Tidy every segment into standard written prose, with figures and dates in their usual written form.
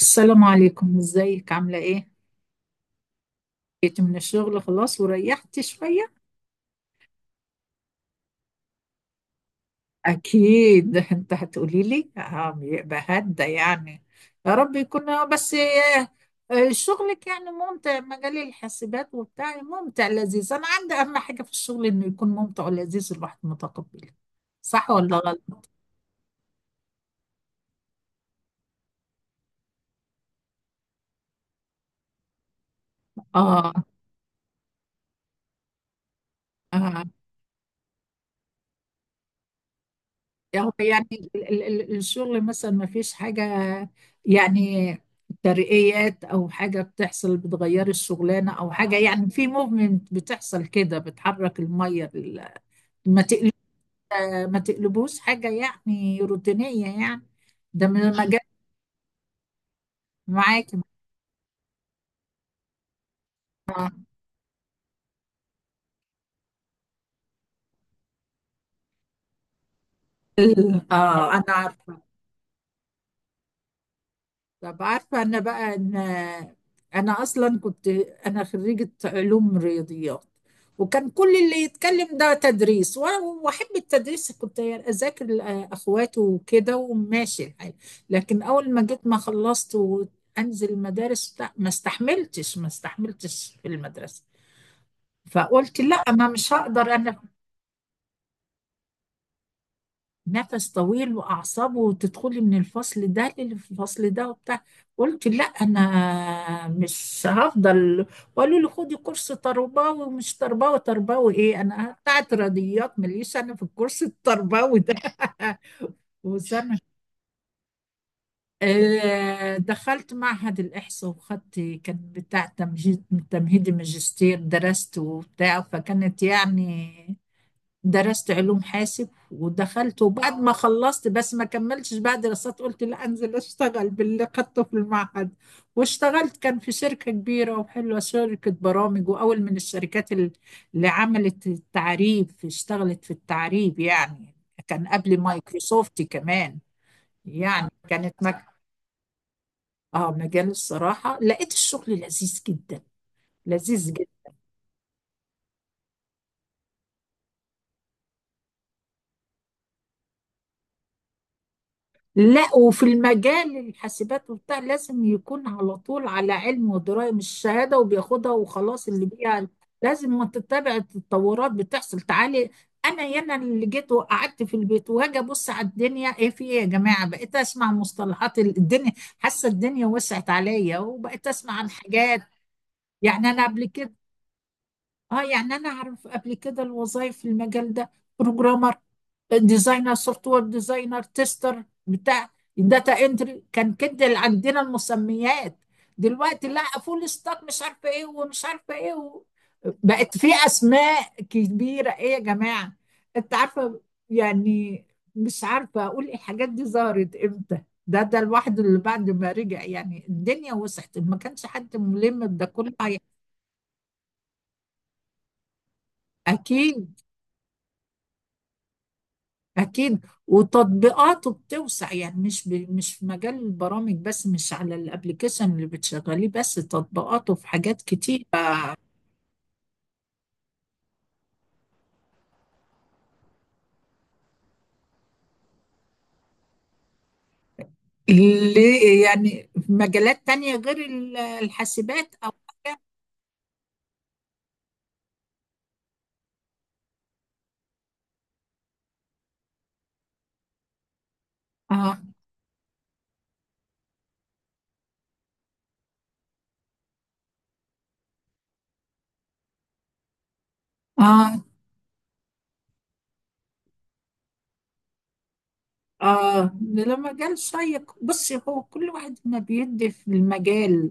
السلام عليكم، ازيك؟ عاملة ايه؟ جيت من الشغل خلاص وريحت شوية؟ أكيد. انت هتقولي لي بيبقى هدى يعني. يا رب يكون آه، بس آه، آه، شغلك يعني ممتع، مجال الحاسبات وبتاع، ممتع لذيذ. أنا عندي أهم حاجة في الشغل إنه يكون ممتع ولذيذ، الواحد متقبله. صح ولا غلط؟ آه. آه. هو يعني الشغل مثلا ما فيش حاجة، يعني ترقيات أو حاجة بتحصل، بتغير الشغلانة أو حاجة، يعني في موفمنت بتحصل كده، بتحرك المية ما تقل- ما تقلبوش حاجة يعني روتينية يعني، ده من المجال معاكي. اه أنا عارفة. طب عارفة أنا بقى إن، أنا أصلا كنت أنا خريجة علوم رياضيات. وكان كل اللي يتكلم ده تدريس وأحب التدريس، كنت أذاكر أخواته وكده وماشي الحال. لكن أول ما جيت ما خلصت وأنزل المدارس ما استحملتش في المدرسة. فقلت لا، ما مش هقدر أنا. نفس طويل واعصابه، وتدخلي من الفصل ده للفصل ده وبتاع. قلت لا، انا مش هفضل. وقالوا لي خدي كورس تربوي، ومش تربوي، تربوي ايه؟ انا بتاعت رياضيات، ماليش انا في الكورس التربوي ده. وسنه. دخلت معهد الإحصاء وخدت، كان بتاع تمهيدي ماجستير، درست وبتاع، فكانت يعني درست علوم حاسب. ودخلت وبعد ما خلصت بس ما كملتش بقى دراسات، قلت لا انزل اشتغل باللي خدته في المعهد. واشتغلت كان في شركة كبيرة وحلوة، شركة برامج، واول من الشركات اللي عملت التعريب، اشتغلت في التعريب يعني. كان قبل مايكروسوفت كمان، يعني كانت مك... اه، مجال الصراحة لقيت الشغل لذيذ جدا، لذيذ جدا. لا، وفي المجال الحاسبات وبتاع لازم يكون على طول على علم ودراية، مش شهادة وبياخدها وخلاص اللي بيها، لازم ما تتبع التطورات بتحصل تعالي. انا يانا اللي جيت وقعدت في البيت وهاجي ابص على الدنيا ايه في ايه يا جماعة، بقيت اسمع مصطلحات الدنيا، حاسة الدنيا وسعت عليا وبقيت اسمع عن حاجات. يعني انا قبل كده، اه يعني انا اعرف قبل كده الوظائف في المجال ده: بروجرامر، ديزاينر، سوفت وير ديزاينر، تيستر بتاع، داتا انتري، كان كده اللي عندنا المسميات. دلوقتي لا، فول ستاك، مش عارفه ايه ومش عارفه ايه و... بقت في اسماء كبيره، ايه يا جماعه؟ انت عارفه يعني، مش عارفه اقول إيه الحاجات دي ظهرت امتى. ده الواحد اللي بعد ما رجع، يعني الدنيا وسعت، ما كانش حد ملم بده كله أكيد. أكيد، وتطبيقاته بتوسع، يعني مش ب... مش في مجال البرامج بس، مش على الابليكيشن اللي بتشغليه بس، تطبيقاته في حاجات كتير. اللي يعني في مجالات تانية غير الحاسبات أو... آه. آه. آه، ده مجال شيق. بصي، هو كل واحد ما بيدي في المجال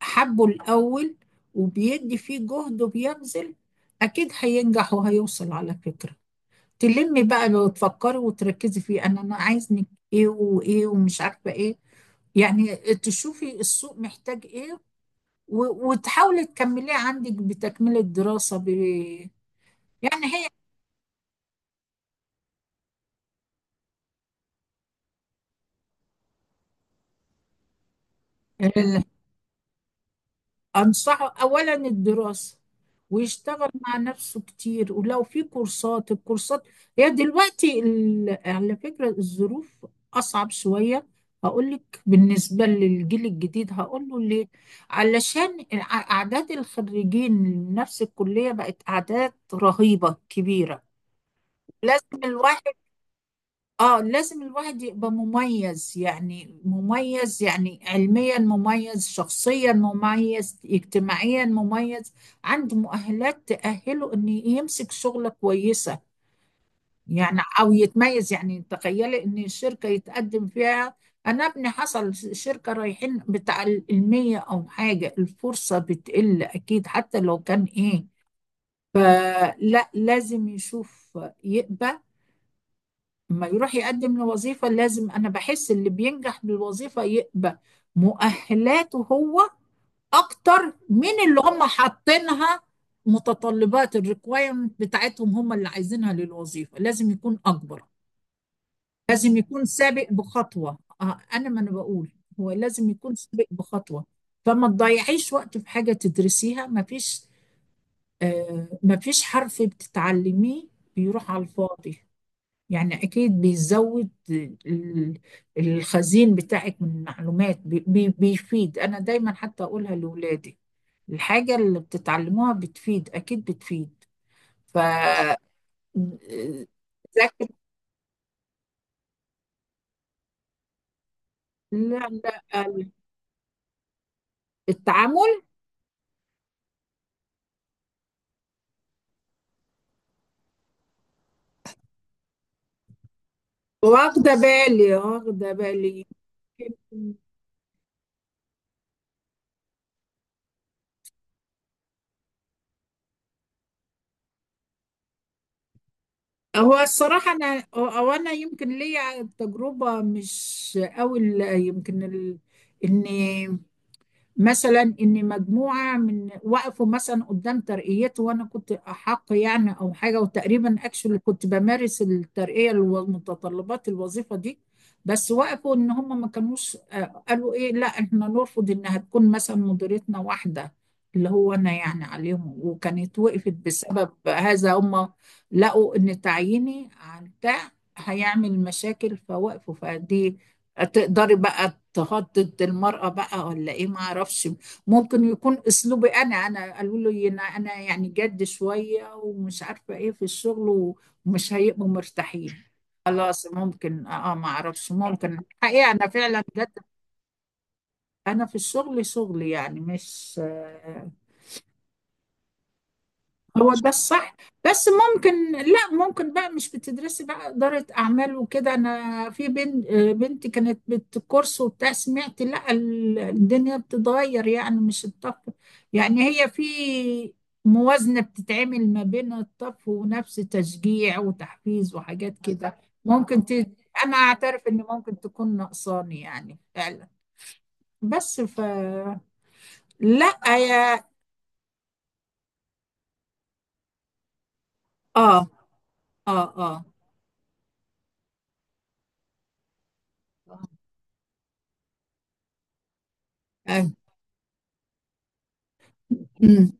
حبه الأول وبيدي فيه جهد وبيبذل، أكيد هينجح وهيوصل على فكرة. تلمي بقى لو تفكري وتركزي فيه، انا عايز منك ايه وايه ومش عارفه ايه، يعني تشوفي السوق محتاج ايه وتحاولي تكمليه عندك، بتكمله دراسه ب... يعني هي أنصحه أولا الدراسة، ويشتغل مع نفسه كتير، ولو في كورسات، الكورسات. هي دلوقتي على فكرة الظروف أصعب شوية، هقول لك. بالنسبة للجيل الجديد هقول له ليه: علشان أعداد الخريجين من نفس الكلية بقت أعداد رهيبة كبيرة. لازم الواحد، اه لازم الواحد يبقى مميز، يعني مميز يعني، علميا مميز، شخصيا مميز، اجتماعيا مميز، عنده مؤهلات تأهله ان يمسك شغلة كويسة، يعني او يتميز. يعني تخيلي ان الشركة يتقدم فيها، انا ابني حصل شركة رايحين بتاع المية او حاجة، الفرصة بتقل اكيد حتى لو كان ايه. فلا، لازم يشوف يقبل، ما يروح يقدم لوظيفة لازم، أنا بحس اللي بينجح بالوظيفة يبقى مؤهلاته هو أكتر من اللي هم حاطينها، متطلبات الريكوايرمنت بتاعتهم هم اللي عايزينها للوظيفة، لازم يكون أكبر. لازم يكون سابق بخطوة، أنا ما أنا بقول هو لازم يكون سابق بخطوة. فما تضيعيش وقت في حاجة تدرسيها ما فيش، آه ما فيش حرف بتتعلميه بيروح على الفاضي، يعني أكيد بيزود الخزين بتاعك من معلومات، بيفيد. أنا دايما حتى أقولها لأولادي: الحاجة اللي بتتعلموها بتفيد، أكيد بتفيد. ف... ذاك- لا لا، التعامل، واخدة بالي واخدة بالي، يمكن- هو الصراحة أنا أو أو أنا يمكن ليا تجربة مش أوي يمكن ال... إني مثلا ان مجموعه من وقفوا مثلا قدام ترقيته وانا كنت احق، يعني او حاجه، وتقريبا اكشلي كنت بمارس الترقيه والمتطلبات الوظيفه دي، بس وقفوا ان هم ما كانوش قالوا ايه لا، احنا نرفض انها تكون مثلا مديرتنا، واحده اللي هو انا يعني عليهم، وكانت وقفت بسبب هذا هم. لقوا ان تعييني على بتاع هيعمل مشاكل فوقفوا، فدي. تقدري بقى تهدد المرأة بقى ولا ايه، ما اعرفش. ممكن يكون اسلوبي، انا قالوا لي انا يعني جد شوية، ومش عارفة ايه في الشغل، ومش هيبقوا مرتاحين. خلاص، ممكن اه، ما اعرفش، ممكن حقيقة انا فعلا جد. انا في الشغل شغل يعني مش، هو ده الصح. بس ممكن لا، ممكن بقى مش بتدرسي بقى إدارة أعمال وكده، أنا في بنت، بنتي كانت بالكورس وبتاع سمعت لا، الدنيا بتتغير يعني مش الطف، يعني هي في موازنة بتتعمل ما بين الطف ونفس تشجيع وتحفيز وحاجات كده. ممكن ت... أنا أعترف إن ممكن تكون نقصاني يعني فعلا، بس ف لا يا... آه. آه. آه. آه. أمم.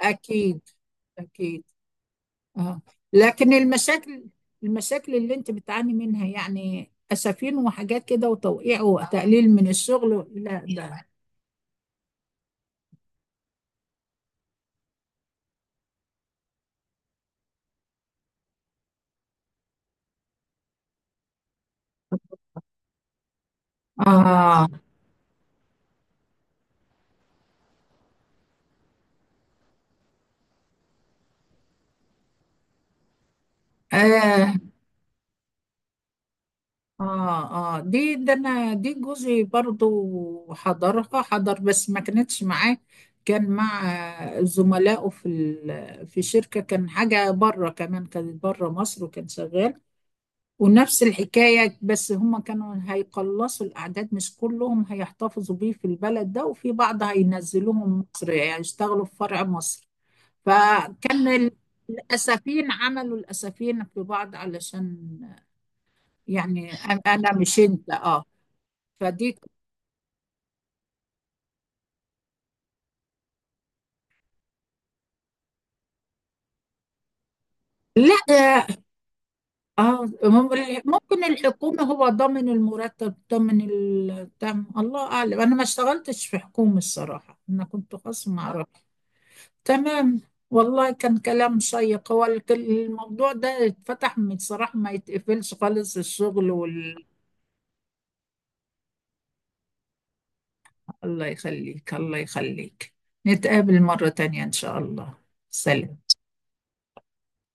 أكيد. أكيد. اه، لكن المشاكل، المشاكل اللي أنت بتعاني منها يعني أسفين وحاجات كده وتوقيع وتقليل من الشغل، لا ده. آه. آه. آه. آه. دي ده، أنا دي جوزي برضو حضرها، حضر بس ما كانتش معاه، كان مع زملائه في في شركة، كان حاجة بره كمان، كانت بره مصر وكان شغال. ونفس الحكاية، بس هما كانوا هيقلصوا الأعداد، مش كلهم هيحتفظوا بيه في البلد ده، وفي بعض هينزلوهم مصر يعني يشتغلوا في فرع مصر. فكان الأسفين، عملوا الأسفين في بعض علشان، يعني أنا أنا مش أنت أه، فدي. لا، اه ممكن الحكومة هو ضامن المرتب ضامن التم، الله أعلم، أنا ما اشتغلتش في حكومة الصراحة، أنا كنت خاص، ما أعرف. تمام. والله كان كلام شيق، هو الموضوع ده اتفتح من صراحة ما يتقفلش خالص، الشغل وال... الله يخليك، الله يخليك. نتقابل مرة تانية إن شاء الله. سلام.